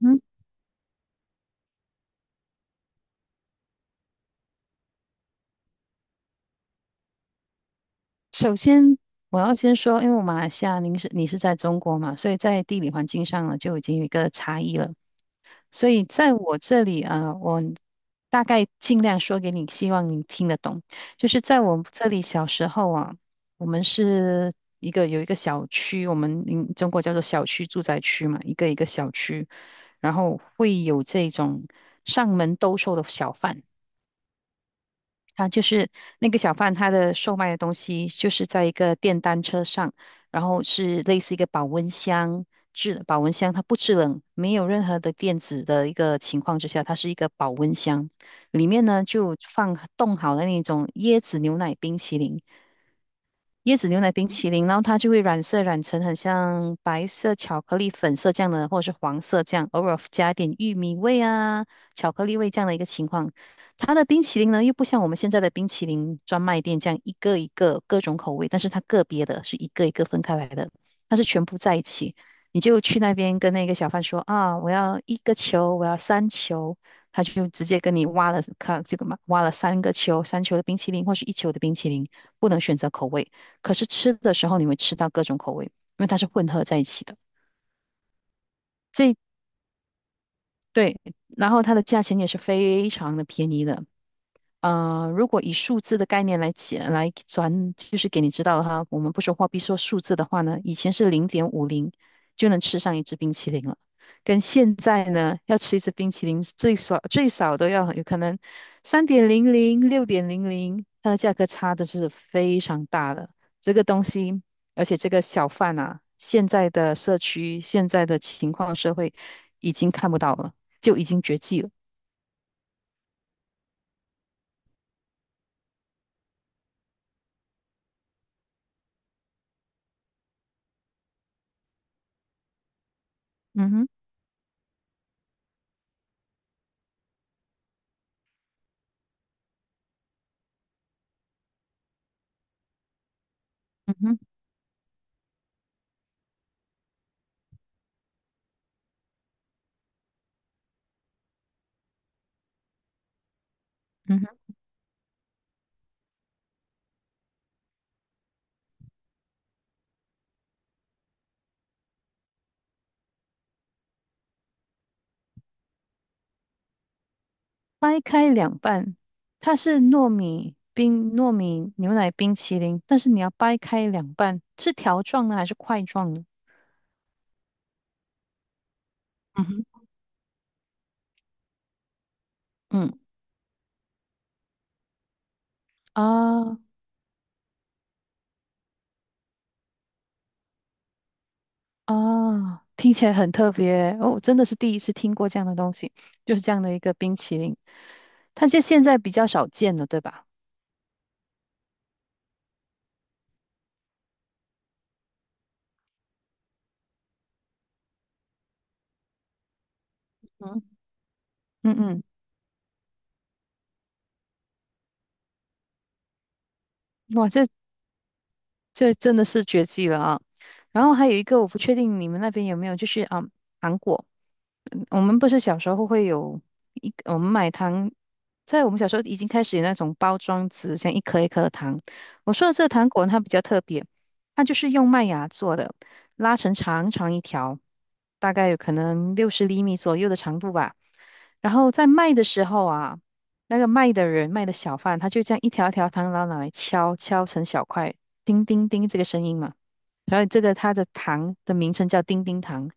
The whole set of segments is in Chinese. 嗯，首先我要先说，因为我马来西亚，你是在中国嘛，所以在地理环境上呢就已经有一个差异了。所以在我这里啊，我大概尽量说给你，希望你听得懂。就是在我这里小时候啊，我们是有一个小区，我们中国叫做小区住宅区嘛，一个一个小区，然后会有这种上门兜售的小贩。啊，就是那个小贩他的售卖的东西，就是在一个电单车上，然后是类似一个保温箱保温箱它不制冷，没有任何的电子的一个情况之下，它是一个保温箱，里面呢就放冻好的那种椰子牛奶冰淇淋，椰子牛奶冰淇淋，然后它就会染色染成很像白色巧克力粉色这样的，或者是黄色这样，偶尔加一点玉米味啊、巧克力味这样的一个情况。它的冰淇淋呢，又不像我们现在的冰淇淋专卖店这样一个一个各种口味，但是它个别的是一个一个分开来的，它是全部在一起。你就去那边跟那个小贩说啊，我要一个球，我要三球，他就直接跟你挖了，看这个嘛，挖了三个球，三球的冰淇淋或是一球的冰淇淋，不能选择口味。可是吃的时候你会吃到各种口味，因为它是混合在一起的。这对，然后它的价钱也是非常的便宜的，如果以数字的概念来解来转，就是给你知道哈，我们不说货币，说数字的话呢，以前是0.50就能吃上一支冰淇淋了，跟现在呢，要吃一支冰淇淋最少最少都要有可能3.00、6.00，它的价格差的是非常大的。这个东西，而且这个小贩啊，现在的社区、现在的情况、社会已经看不到了，就已经绝迹了。嗯哼，嗯哼，嗯哼。掰开两半，它是糯米冰、糯米牛奶冰淇淋，但是你要掰开两半，是条状的还是块状的？嗯哼，嗯啊听起来很特别哦，我真的是第一次听过这样的东西，就是这样的一个冰淇淋，它就现在比较少见了，对吧？嗯，嗯嗯，哇，这真的是绝技了啊！然后还有一个，我不确定你们那边有没有，就是啊，糖果。嗯我们不是小时候会有一，我们买糖，在我们小时候已经开始有那种包装纸，像一颗一颗的糖。我说的这个糖果呢它比较特别，它就是用麦芽做的，拉成长长一条，大概有可能60厘米左右的长度吧。然后在卖的时候啊，那个卖的人卖的小贩，他就这样一条一条糖，然后拿来敲敲成小块，叮叮叮这个声音嘛。然后这个它的糖的名称叫叮叮糖。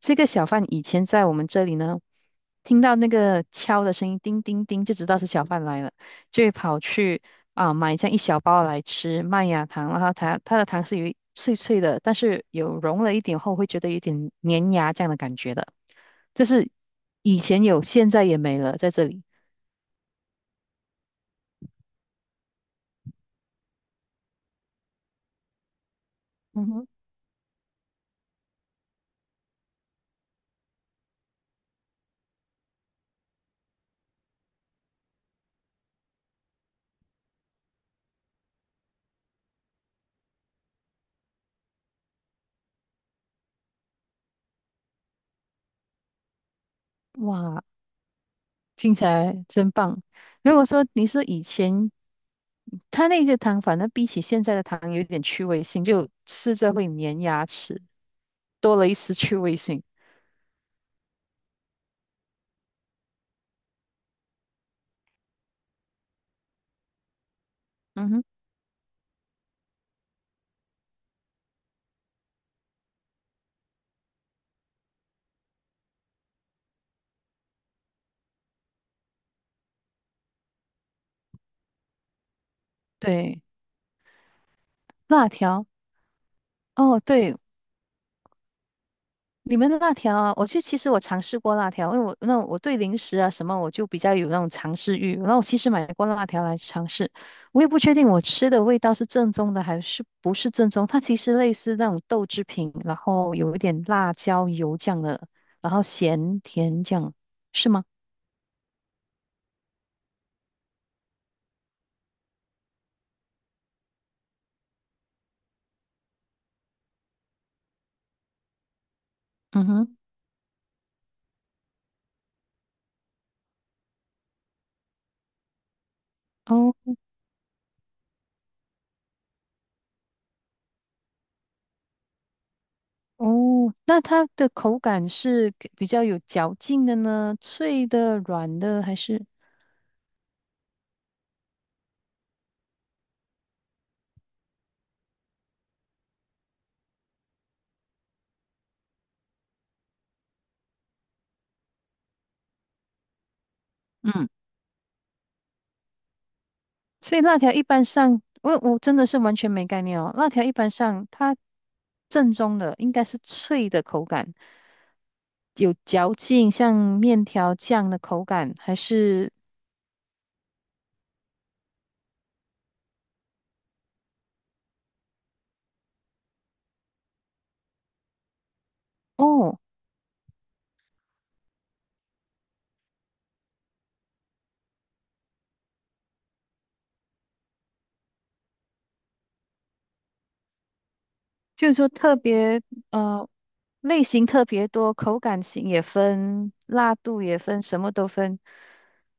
这个小贩以前在我们这里呢，听到那个敲的声音，叮叮叮，就知道是小贩来了，就会跑去买这样一小包来吃麦芽糖，然后它的糖是有一脆脆的，但是有融了一点后会觉得有点粘牙这样的感觉的，就是以前有，现在也没了，在这里。嗯哼，哇，听起来真棒。如果说你说以前它那些糖，反正比起现在的糖有点趣味性，就吃着会粘牙齿。多了一丝趣味性。嗯哼，对，辣条，哦，对，你们的辣条啊，我就其实我尝试过辣条，因为我对零食啊什么我就比较有那种尝试欲，然后我其实买过辣条来尝试，我也不确定我吃的味道是正宗的还是不是正宗，它其实类似那种豆制品，然后有一点辣椒油酱的，然后咸甜酱，是吗？嗯哼哦。哦，那它的口感是比较有嚼劲的呢，脆的、软的还是？嗯，所以辣条一般上，我真的是完全没概念哦。辣条一般上，它正宗的应该是脆的口感，有嚼劲，像面条酱的口感，还是哦，就是说特别呃类型特别多，口感型也分，辣度也分，什么都分。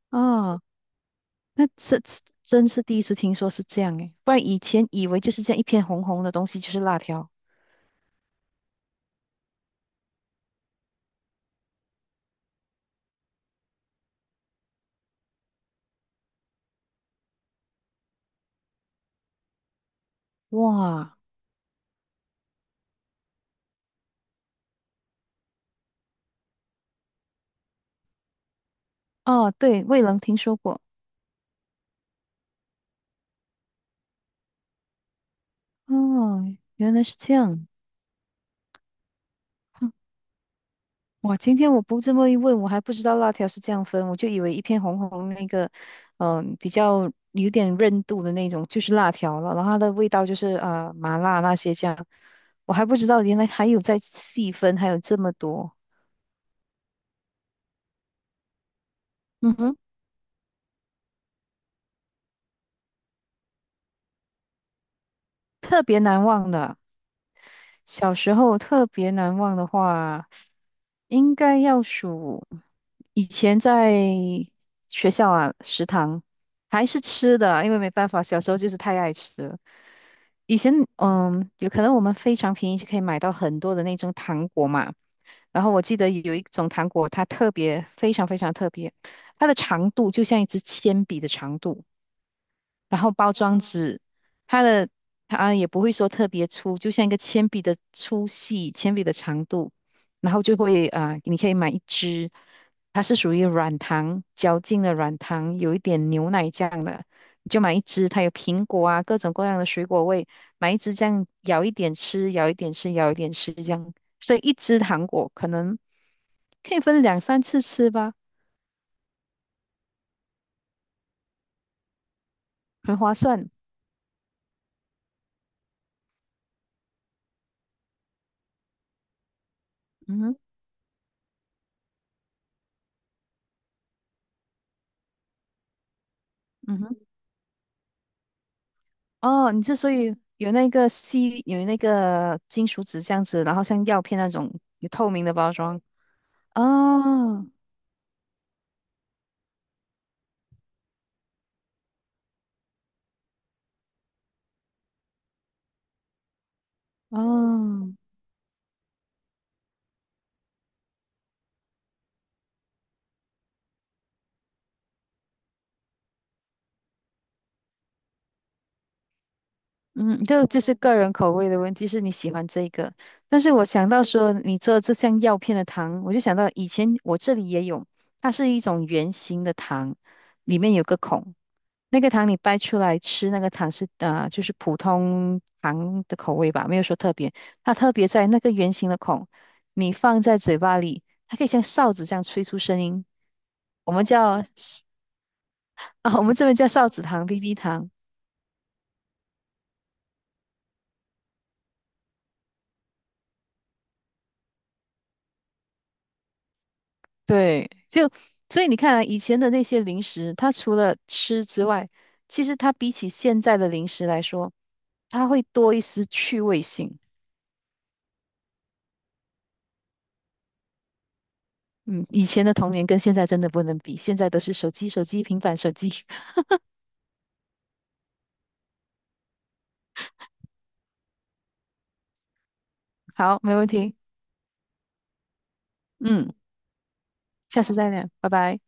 哦。那这这真是第一次听说是这样诶，不然以前以为就是这样一片红红的东西就是辣条。哇，哦，对，未能听说过。哦，原来是这样。哼哇，今天我不这么一问，我还不知道辣条是这样分，我就以为一片红红那个，比较有点韧度的那种就是辣条了，然后它的味道就是麻辣那些这样。我还不知道原来还有在细分，还有这么多。嗯哼，特别难忘的。小时候特别难忘的话，应该要数以前在学校啊，食堂还是吃的，因为没办法，小时候就是太爱吃了。以前嗯，有可能我们非常便宜就可以买到很多的那种糖果嘛。然后我记得有一种糖果，它特别非常非常特别，它的长度就像一支铅笔的长度。然后包装纸，它的它也不会说特别粗，就像一个铅笔的粗细、铅笔的长度，然后就会你可以买一支，它是属于软糖嚼劲的软糖，有一点牛奶酱的，你就买一支，它有苹果啊，各种各样的水果味，买一支这样咬一点吃，咬一点吃，咬一点吃这样，所以一支糖果可能可以分两三次吃吧，很划算。嗯哼嗯哼。哦，你之所以有那个吸，有那个金属纸这样子，然后像药片那种有透明的包装。哦哦，嗯，就这是个人口味的问题，是你喜欢这个。但是我想到说你做这项药片的糖，我就想到以前我这里也有，它是一种圆形的糖，里面有个孔，那个糖你掰出来吃，那个糖是就是普通糖的口味吧，没有说特别。它特别在那个圆形的孔，你放在嘴巴里，它可以像哨子这样吹出声音，我们叫 啊，我们这边叫哨子糖、BB 糖。对，就所以你看啊，以前的那些零食，它除了吃之外，其实它比起现在的零食来说，它会多一丝趣味性。嗯，以前的童年跟现在真的不能比，现在都是手机、手机、平板、手机。好，没问题。嗯，下次再聊，拜拜。